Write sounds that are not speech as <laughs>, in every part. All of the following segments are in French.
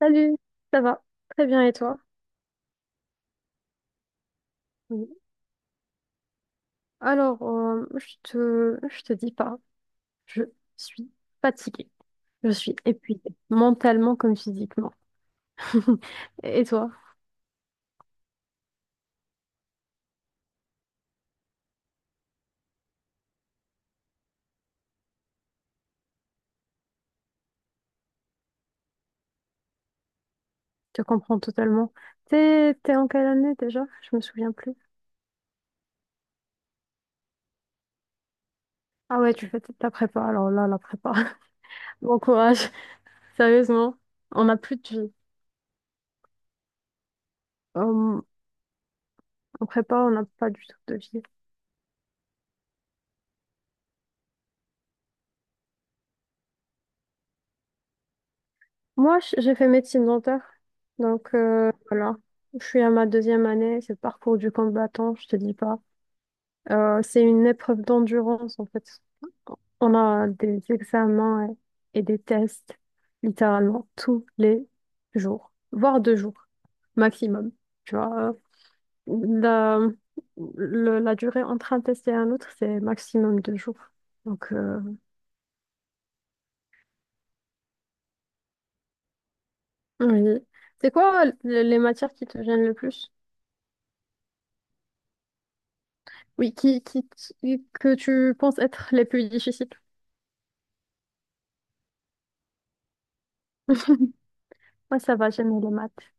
Salut, ça va? Très bien et toi? Oui. Alors, je te dis pas, je suis fatiguée. Je suis épuisée, mentalement comme physiquement. <laughs> Et toi? Je te comprends totalement. T'es en quelle année déjà? Je me souviens plus. Ah ouais, tu fais ta prépa. Alors là, la prépa. <laughs> Bon courage. Sérieusement, on n'a plus de vie. Euh, En prépa, on n'a pas du tout de vie. Moi, j'ai fait médecine dentaire. Donc, voilà. Je suis à ma deuxième année. C'est le parcours du combattant, je te dis pas. C'est une épreuve d'endurance, en fait. On a des examens et des tests, littéralement, tous les jours, voire deux jours maximum. Tu vois, la, la durée entre un test et un autre, c'est maximum deux jours. Donc, oui. C'est quoi les matières qui te gênent le plus? Oui, que tu penses être les plus difficiles. <laughs> Moi, ça va, j'aime les maths.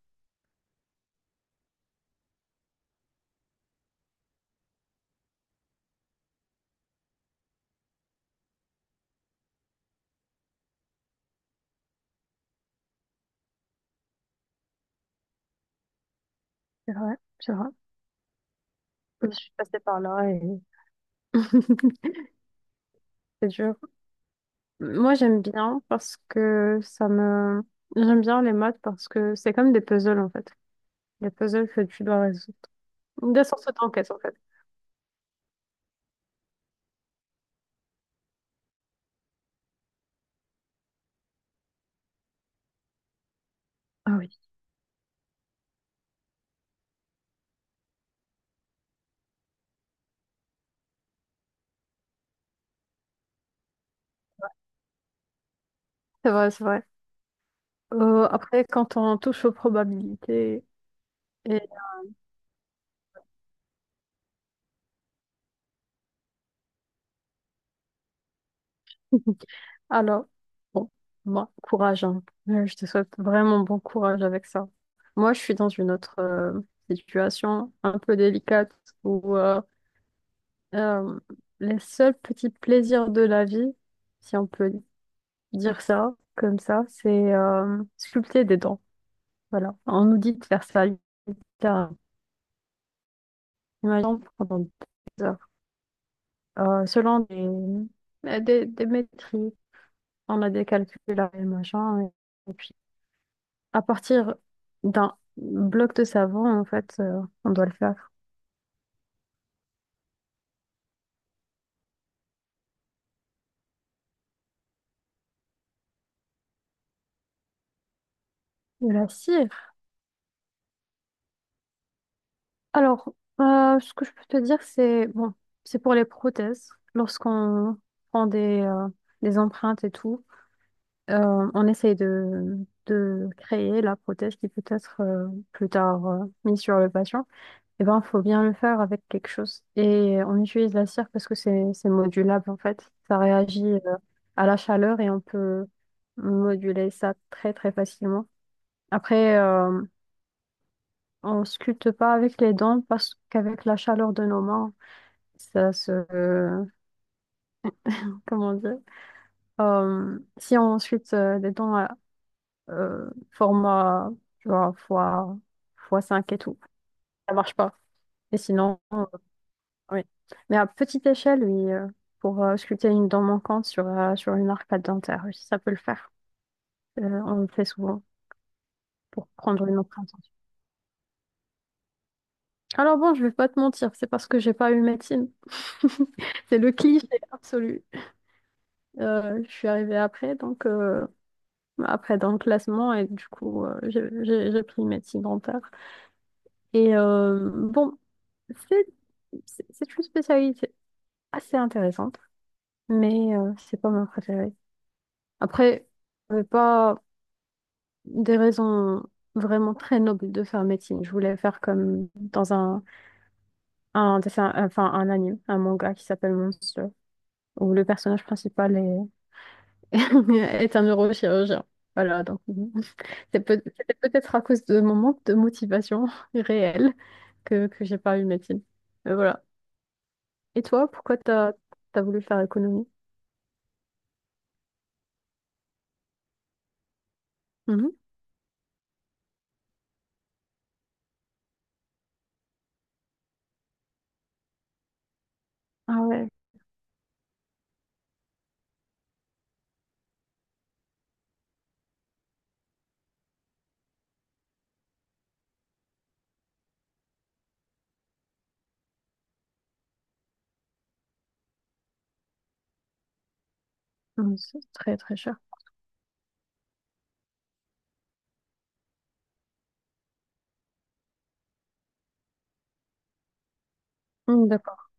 C'est vrai, c'est vrai. Je suis passée par là et <laughs> c'est dur. Moi, j'aime bien parce que ça me... J'aime bien les maths parce que c'est comme des puzzles, en fait. Des puzzles que tu dois résoudre. Des sortes d'enquêtes, en fait. Ah oui. C'est vrai, c'est vrai. Après, quand on touche aux probabilités et... <laughs> Alors, bon, moi, courage, hein. Je te souhaite vraiment bon courage avec ça. Moi, je suis dans une autre situation un peu délicate où euh, les seuls petits plaisirs de la vie, si on peut dire ça comme ça, c'est sculpter des dents. Voilà. On nous dit de faire ça littéralement. Imaginons pendant des heures. Selon des maîtrises, on a des calculs et machin. Et, à partir d'un bloc de savon, en fait, on doit le faire. De la cire. Alors, ce que je peux te dire, c'est bon, c'est pour les prothèses. Lorsqu'on prend des empreintes et tout, on essaye de créer la prothèse qui peut être plus tard mise sur le patient. Eh ben, faut bien le faire avec quelque chose. Et on utilise la cire parce que c'est modulable en fait. Ça réagit à la chaleur et on peut moduler ça très très facilement. Après, on sculpte pas avec les dents parce qu'avec la chaleur de nos mains, ça se comment dire. Si on sculpte des dents à format, tu vois, fois 5 et tout, ça marche pas. Et sinon. Oui. Mais à petite échelle, oui, pour sculpter une dent manquante sur, sur une arcade dentaire, oui, ça peut le faire. On le fait souvent pour prendre une empreinte. Alors bon, je vais pas te mentir, c'est parce que j'ai pas eu médecine. <laughs> C'est le cliché absolu. Je suis arrivée après, donc après dans le classement, et du coup, j'ai pris médecine dentaire. Et bon, c'est c'est une spécialité assez intéressante, mais c'est pas mon préféré. Après, je vais pas. Des raisons vraiment très nobles de faire médecine. Je voulais faire comme dans un dessin, enfin un anime, un manga qui s'appelle Monster, où le personnage principal est, <laughs> est un neurochirurgien. Voilà, donc bon. C'était peut-être à cause de mon manque de motivation <laughs> réelle que j'ai pas eu médecine. Mais voilà. Et toi, pourquoi t'as voulu faire économie? Mhm. Ah ouais. C'est très très cher. D'accord.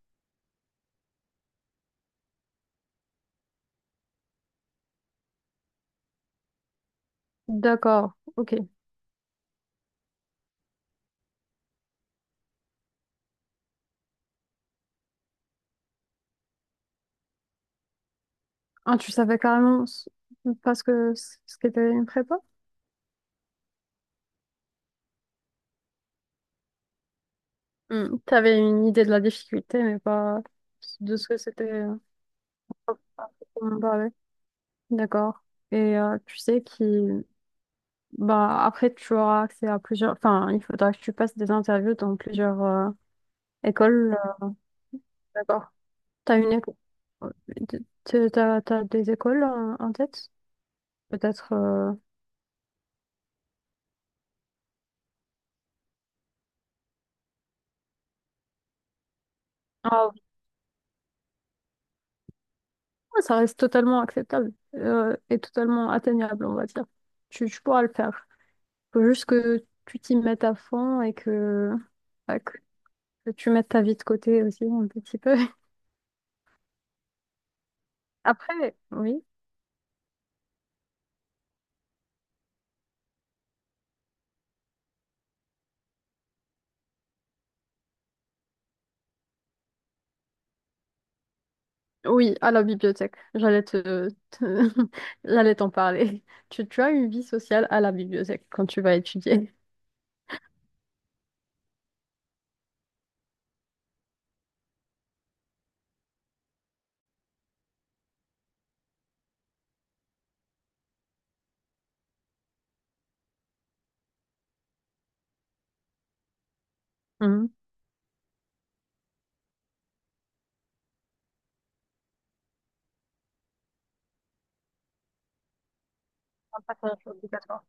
D'accord, ok. Ah, tu savais carrément parce que ce qu'était une prépa? Hmm, t'avais une idée de la difficulté, mais pas de ce que c'était, pour en parler. D'accord. Et tu sais qui, bah, après tu auras accès à plusieurs. Enfin, il faudra que tu passes des interviews dans plusieurs écoles. D'accord. T'as une école. T'as, t'as des écoles en, en tête? Peut-être. Ah oui, ça reste totalement acceptable, et totalement atteignable, on va dire. Tu pourras le faire. Faut juste que tu t'y mettes à fond et que, bah, que tu mettes ta vie de côté aussi un petit peu. <laughs> Après, oui. Oui, à la bibliothèque. J'allais <laughs> j'allais t'en parler. Tu as une vie sociale à la bibliothèque quand tu vas étudier. <laughs> Mhm. Un passage obligatoire.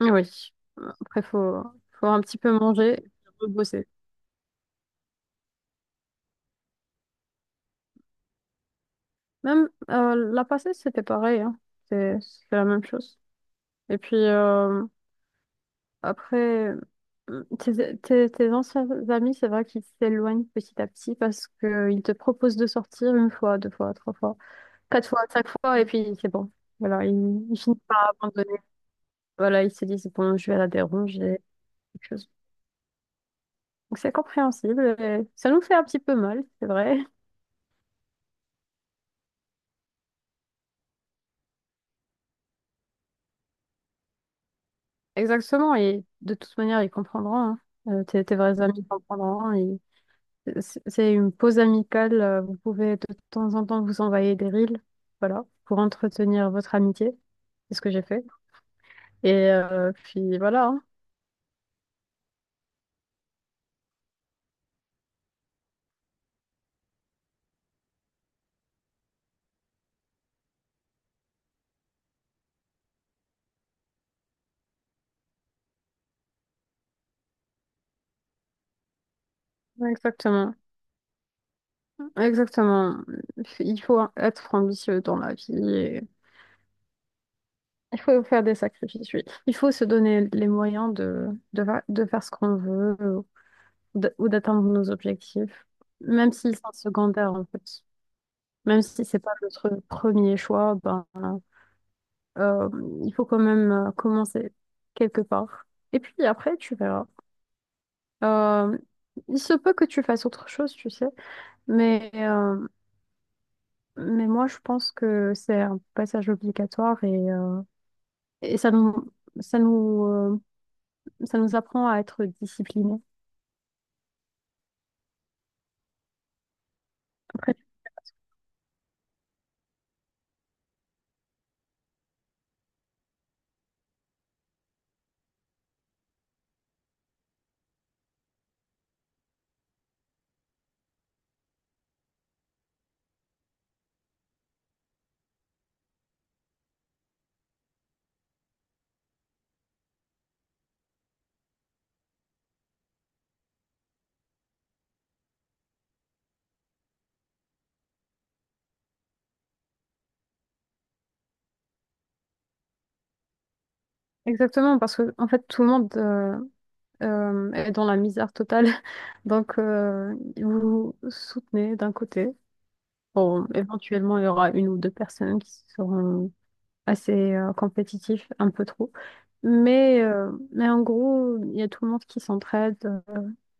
Ah oui. Après, faut un petit peu manger et rebosser. Même, la passée, c'était pareil, hein. C'est la même chose. Et puis, après, tes anciens amis, c'est vrai qu'ils s'éloignent petit à petit parce qu'ils te proposent de sortir une fois, deux fois, trois fois, quatre fois, cinq fois, et puis c'est bon. Voilà, ils finissent par abandonner. Voilà, ils se disent, bon, je vais la déranger, quelque chose. Donc, c'est compréhensible, et ça nous fait un petit peu mal, c'est vrai. Exactement, et de toute manière, ils comprendront, hein. Tes vrais amis comprendront, hein, et. C'est une pause amicale. Vous pouvez de temps en temps vous envoyer des reels, voilà, pour entretenir votre amitié. C'est ce que j'ai fait. Et puis voilà, hein. Exactement. Exactement. Il faut être ambitieux dans la vie, et il faut faire des sacrifices, oui. Il faut se donner les moyens de faire ce qu'on veut, ou d'atteindre nos objectifs, même s'ils sont secondaires, en fait. Même si c'est pas notre premier choix, ben, euh, il faut quand même commencer quelque part. Et puis après, tu verras. Euh, il se peut que tu fasses autre chose, tu sais, mais, euh, mais moi, je pense que c'est un passage obligatoire et ça nous, ça nous, euh, ça nous apprend à être disciplinés. Après, exactement, parce que en fait, tout le monde est dans la misère totale. <laughs> Donc, vous soutenez d'un côté. Bon, éventuellement, il y aura une ou deux personnes qui seront assez compétitifs, un peu trop. Mais en gros, il y a tout le monde qui s'entraide.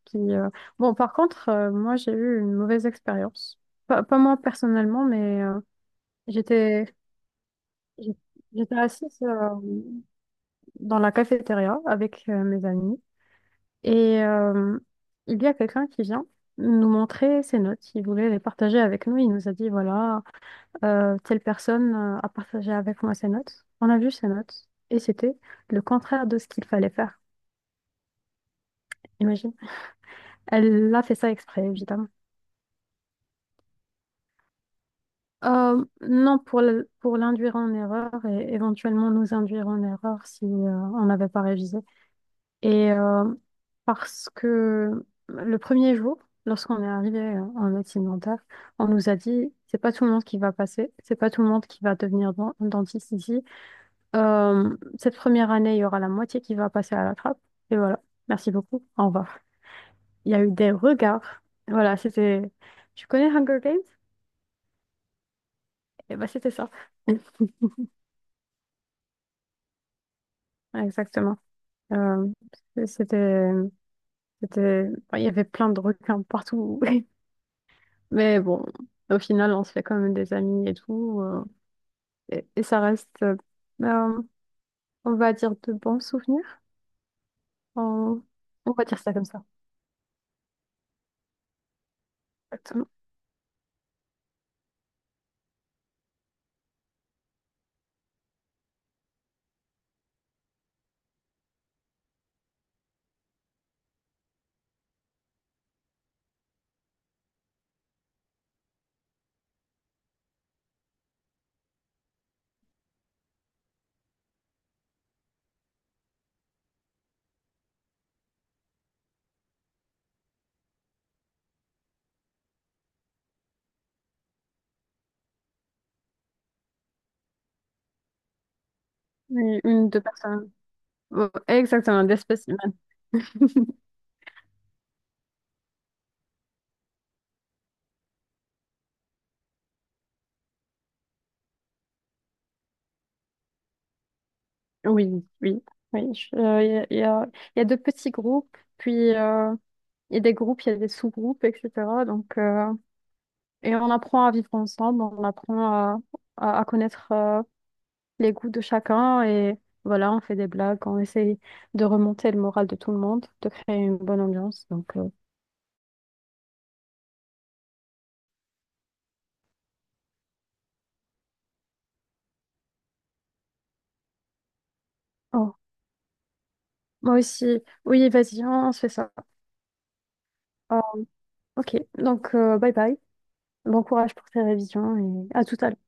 Qui, euh. Bon, par contre, moi, j'ai eu une mauvaise expérience. Pas moi personnellement, mais j'étais, j'étais assise dans la cafétéria avec mes amis. Et il y a quelqu'un qui vient nous montrer ses notes. Il voulait les partager avec nous. Il nous a dit, voilà. Telle personne a partagé avec moi ses notes. On a vu ses notes et c'était le contraire de ce qu'il fallait faire. Imagine. Elle a fait ça exprès, évidemment. Non, pour pour l'induire en erreur et éventuellement nous induire en erreur si on n'avait pas révisé. Et parce que le premier jour, lorsqu'on est arrivé en médecine dentaire, on nous a dit, c'est pas tout le monde qui va passer, c'est pas tout le monde qui va devenir dentiste ici. Cette première année, il y aura la moitié qui va passer à la trappe. Et voilà. Merci beaucoup. Au revoir. Il y a eu des regards. Voilà, c'était. Tu connais Hunger Games? Et bah, c'était ça. <laughs> Exactement. Euh, c'était. C'était, enfin, il y avait plein de requins partout. <laughs> Mais bon, au final, on se fait quand même des amis et tout. Et ça reste, euh, on va dire, de bons souvenirs. On, on va dire ça comme ça. Exactement. Deux personnes. Ouais, exactement, d'espèces. Oui, oui, oui. Il y a de petits groupes, puis il y a des groupes, il y a des sous-groupes, etc. Donc, et on apprend à vivre ensemble, on apprend à connaître les goûts de chacun et voilà, on fait des blagues, on essaye de remonter le moral de tout le monde, de créer une bonne ambiance. Donc, euh. Oh, moi aussi. Oui, vas-y, on se fait ça. Ah, ok, donc bye bye. Bon courage pour tes révisions et à tout à l'heure.